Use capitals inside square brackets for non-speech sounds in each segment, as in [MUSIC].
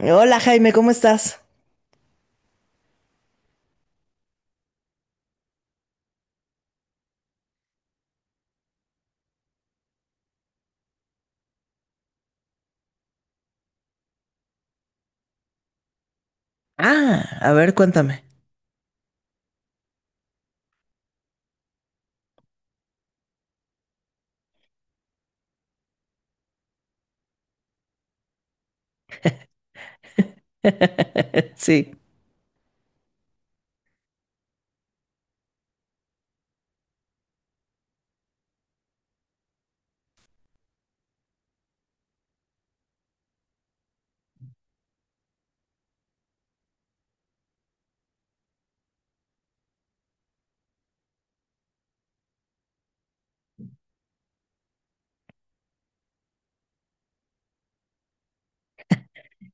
Hola Jaime, ¿cómo estás? Ah, a ver, cuéntame. [LAUGHS] Sí.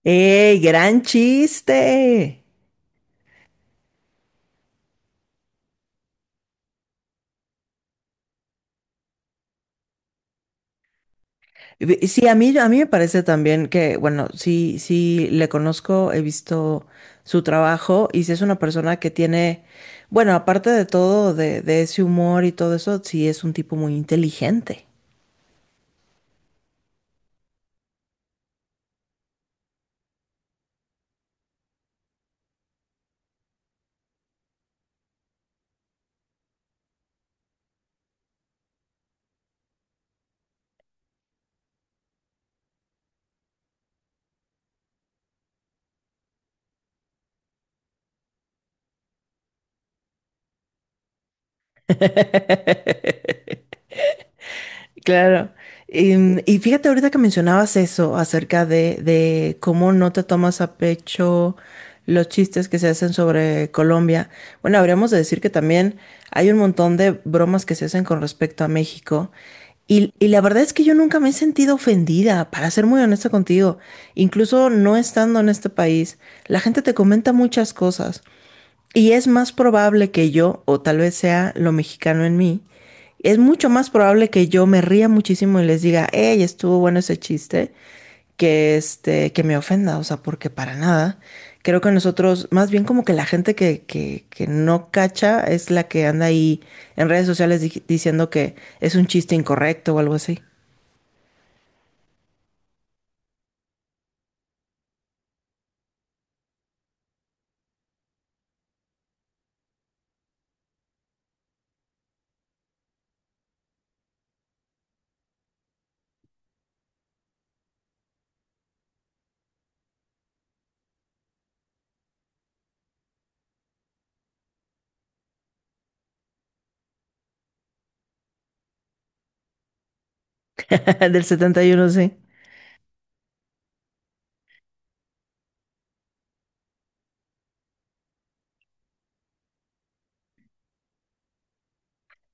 ¡Gran chiste! Sí, a mí me parece también que, bueno, sí, le conozco, he visto su trabajo y si es una persona que tiene, bueno, aparte de todo, de ese humor y todo eso, sí es un tipo muy inteligente. [LAUGHS] Claro. Y, fíjate ahorita que mencionabas eso acerca de cómo no te tomas a pecho los chistes que se hacen sobre Colombia. Bueno, habríamos de decir que también hay un montón de bromas que se hacen con respecto a México. Y la verdad es que yo nunca me he sentido ofendida, para ser muy honesta contigo. Incluso no estando en este país, la gente te comenta muchas cosas. Y es más probable que yo, o tal vez sea lo mexicano en mí, es mucho más probable que yo me ría muchísimo y les diga, hey, estuvo bueno ese chiste, que este, que me ofenda, o sea, porque para nada. Creo que nosotros, más bien como que la gente que no cacha es la que anda ahí en redes sociales diciendo que es un chiste incorrecto o algo así. [LAUGHS] Del 71 sí.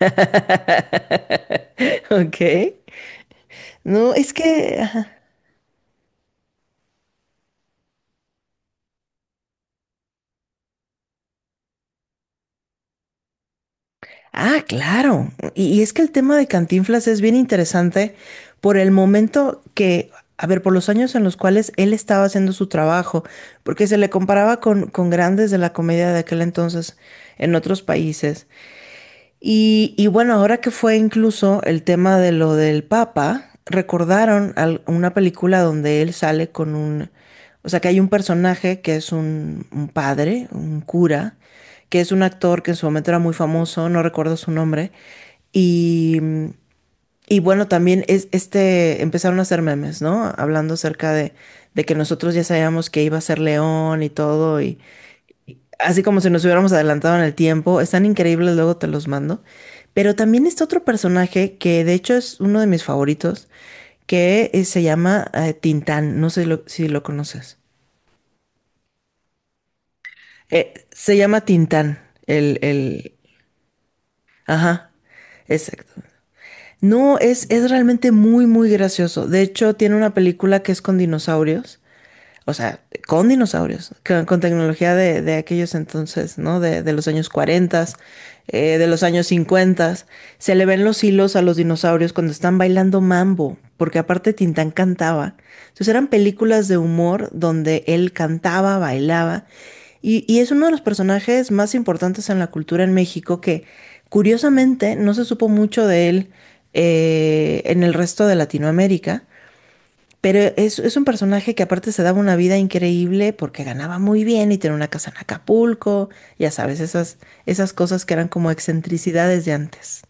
[LAUGHS] Ok. No, es que... ajá. Ah, claro. Y es que el tema de Cantinflas es bien interesante por el momento que, a ver, por los años en los cuales él estaba haciendo su trabajo, porque se le comparaba con grandes de la comedia de aquel entonces en otros países. Y bueno, ahora que fue incluso el tema de lo del Papa, recordaron una película donde él sale con un, o sea, que hay un personaje que es un padre, un cura, que es un actor que en su momento era muy famoso, no recuerdo su nombre, y, y bueno, también es, este, empezaron a hacer memes, ¿no? Hablando acerca de que nosotros ya sabíamos que iba a ser León y todo, así como si nos hubiéramos adelantado en el tiempo. Están increíbles, luego te los mando. Pero también está otro personaje que de hecho es uno de mis favoritos, que se llama Tintán. No sé si lo conoces. Se llama Tintán, el... Ajá, exacto. No, es realmente muy, muy gracioso. De hecho, tiene una película que es con dinosaurios. O sea, con dinosaurios, con tecnología de aquellos entonces, ¿no? De los años 40, de los años 50. Se le ven los hilos a los dinosaurios cuando están bailando mambo, porque aparte Tintán cantaba. Entonces eran películas de humor donde él cantaba, bailaba. Y es uno de los personajes más importantes en la cultura en México que curiosamente no se supo mucho de él en el resto de Latinoamérica. Pero es un personaje que aparte se daba una vida increíble porque ganaba muy bien y tenía una casa en Acapulco, ya sabes, esas, esas cosas que eran como excentricidades de antes.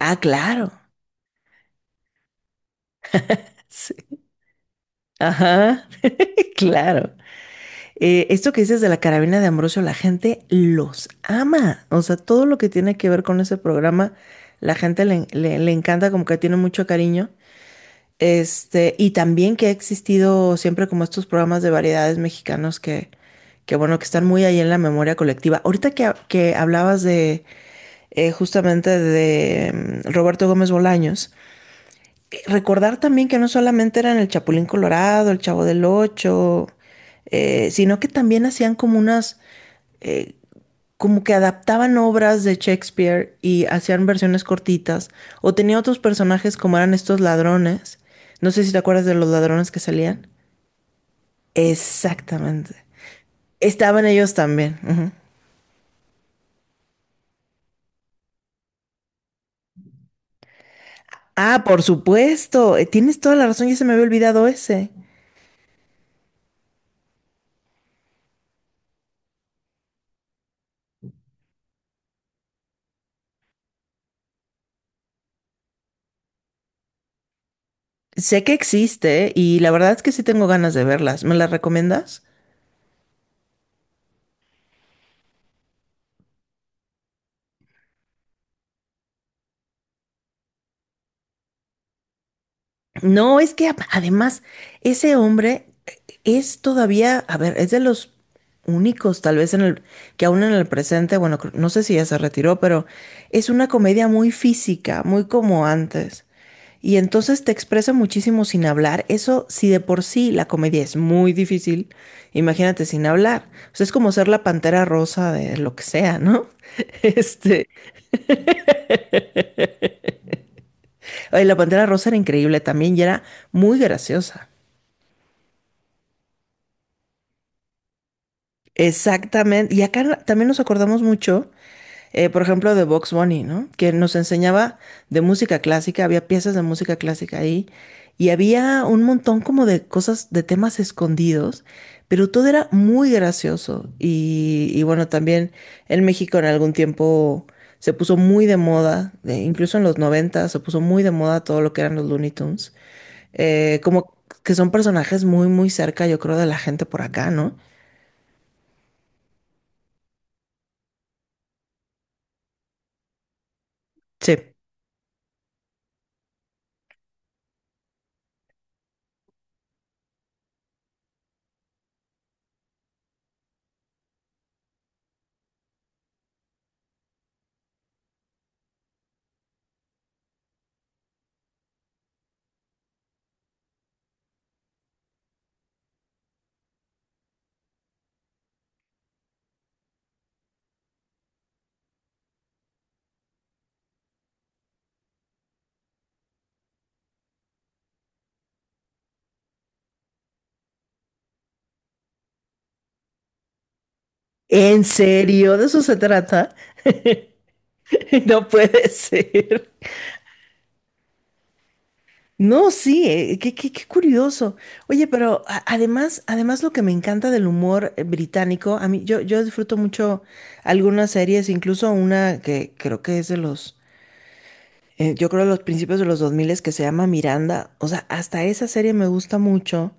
Ah, claro. Sí. Ajá, [LAUGHS] claro. Esto que dices de la carabina de Ambrosio, la gente los ama. O sea, todo lo que tiene que ver con ese programa, la gente le encanta, como que tiene mucho cariño. Este, y también que ha existido siempre como estos programas de variedades mexicanos que bueno, que están muy ahí en la memoria colectiva. Ahorita que, que hablabas de justamente de Roberto Gómez Bolaños, recordar también que no solamente eran el Chapulín Colorado, el Chavo del Ocho, sino que también hacían como unas, eh, como que adaptaban obras de Shakespeare y hacían versiones cortitas, o tenía otros personajes como eran estos ladrones. No sé si te acuerdas de los ladrones que salían. Exactamente. Estaban ellos también. Ujú. Ah, por supuesto. Tienes toda la razón, ya se me había olvidado ese. Sé que existe y la verdad es que sí tengo ganas de verlas. ¿Me las recomiendas? No, es que además ese hombre es todavía, a ver, es de los únicos tal vez en el que aún en el presente, bueno, no sé si ya se retiró, pero es una comedia muy física, muy como antes. Y entonces te expresa muchísimo sin hablar. Eso, si de por sí la comedia es muy difícil, imagínate sin hablar. O sea, es como ser la Pantera Rosa de lo que sea, ¿no? [LAUGHS] Este, ay, la Pantera Rosa era increíble también y era muy graciosa. Exactamente. Y acá también nos acordamos mucho, por ejemplo, de Box Bunny, ¿no? Que nos enseñaba de música clásica, había piezas de música clásica ahí y había un montón como de cosas, de temas escondidos, pero todo era muy gracioso. Y bueno, también en México en algún tiempo se puso muy de moda, incluso en los 90 se puso muy de moda todo lo que eran los Looney Tunes, como que son personajes muy, muy cerca, yo creo, de la gente por acá, ¿no? Sí. ¿En serio? ¿De eso se trata? [LAUGHS] No puede ser. No, sí, qué curioso. Oye, pero además, además lo que me encanta del humor británico, yo disfruto mucho algunas series, incluso una que creo que es de los yo creo los principios de los 2000 es que se llama Miranda. O sea, hasta esa serie me gusta mucho.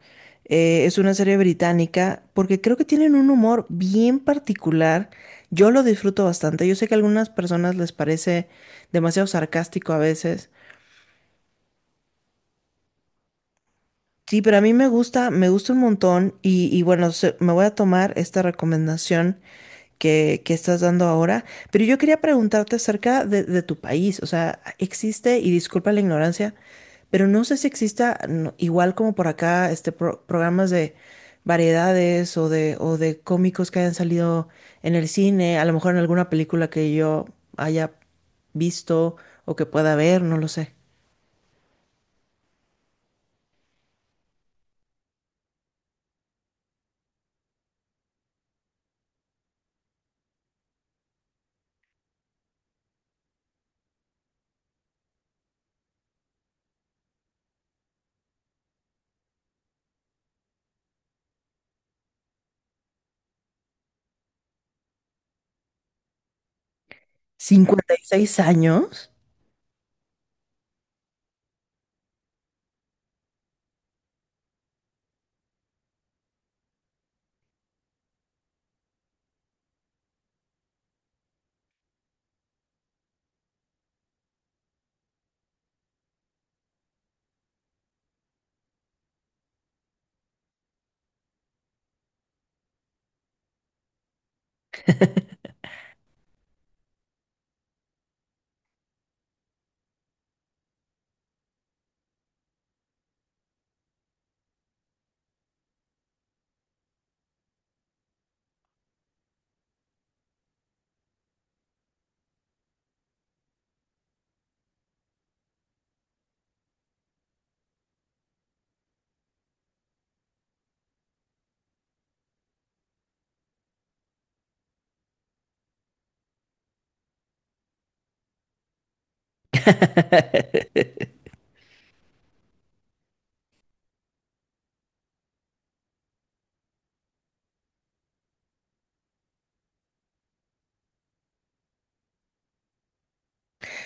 Es una serie británica porque creo que tienen un humor bien particular. Yo lo disfruto bastante. Yo sé que a algunas personas les parece demasiado sarcástico a veces. Sí, pero a mí me gusta un montón y bueno, me voy a tomar esta recomendación que estás dando ahora, pero yo quería preguntarte acerca de tu país. O sea, existe, y disculpa la ignorancia, pero no sé si exista, no, igual como por acá, este programas de variedades o de cómicos que hayan salido en el cine, a lo mejor en alguna película que yo haya visto o que pueda ver, no lo sé. ¿56 años?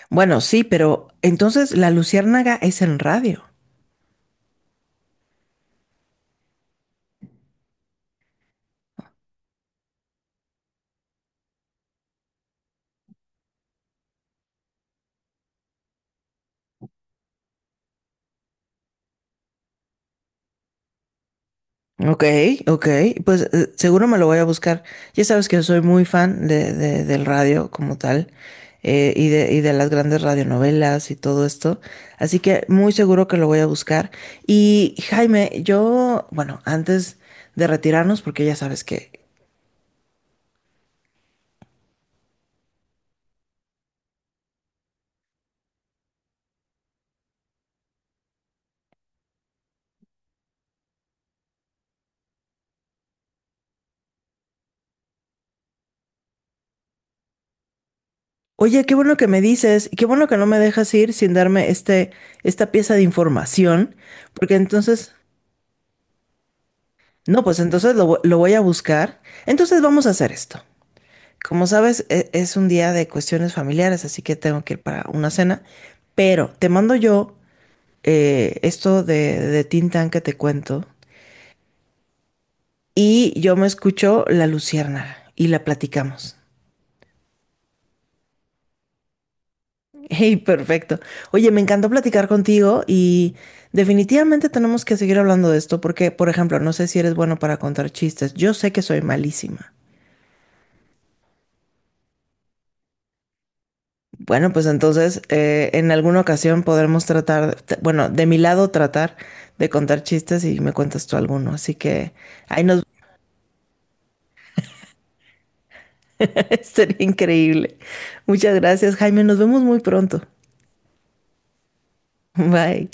Bueno, sí, pero entonces La Luciérnaga es en radio. Ok, ok, pues seguro me lo voy a buscar. Ya sabes que soy muy fan de, del radio como tal y de las grandes radionovelas y todo esto, así que muy seguro que lo voy a buscar. Y Jaime, yo, bueno, antes de retirarnos, porque ya sabes que, oye, qué bueno que me dices y qué bueno que no me dejas ir sin darme este, esta pieza de información, porque entonces, no, pues entonces lo, lo voy a buscar. Entonces vamos a hacer esto. Como sabes, es un día de cuestiones familiares, así que tengo que ir para una cena. Pero te mando yo esto de Tin Tan que te cuento. Y yo me escucho La Luciérnaga y la platicamos. [LAUGHS] Hey, perfecto. Oye, me encantó platicar contigo y definitivamente tenemos que seguir hablando de esto porque, por ejemplo, no sé si eres bueno para contar chistes. Yo sé que soy malísima. Bueno, pues entonces en alguna ocasión podremos tratar, bueno, de mi lado tratar de contar chistes y me cuentas tú alguno. Así que ahí nos [LAUGHS] sería increíble. Muchas gracias, Jaime. Nos vemos muy pronto. [LAUGHS] Bye.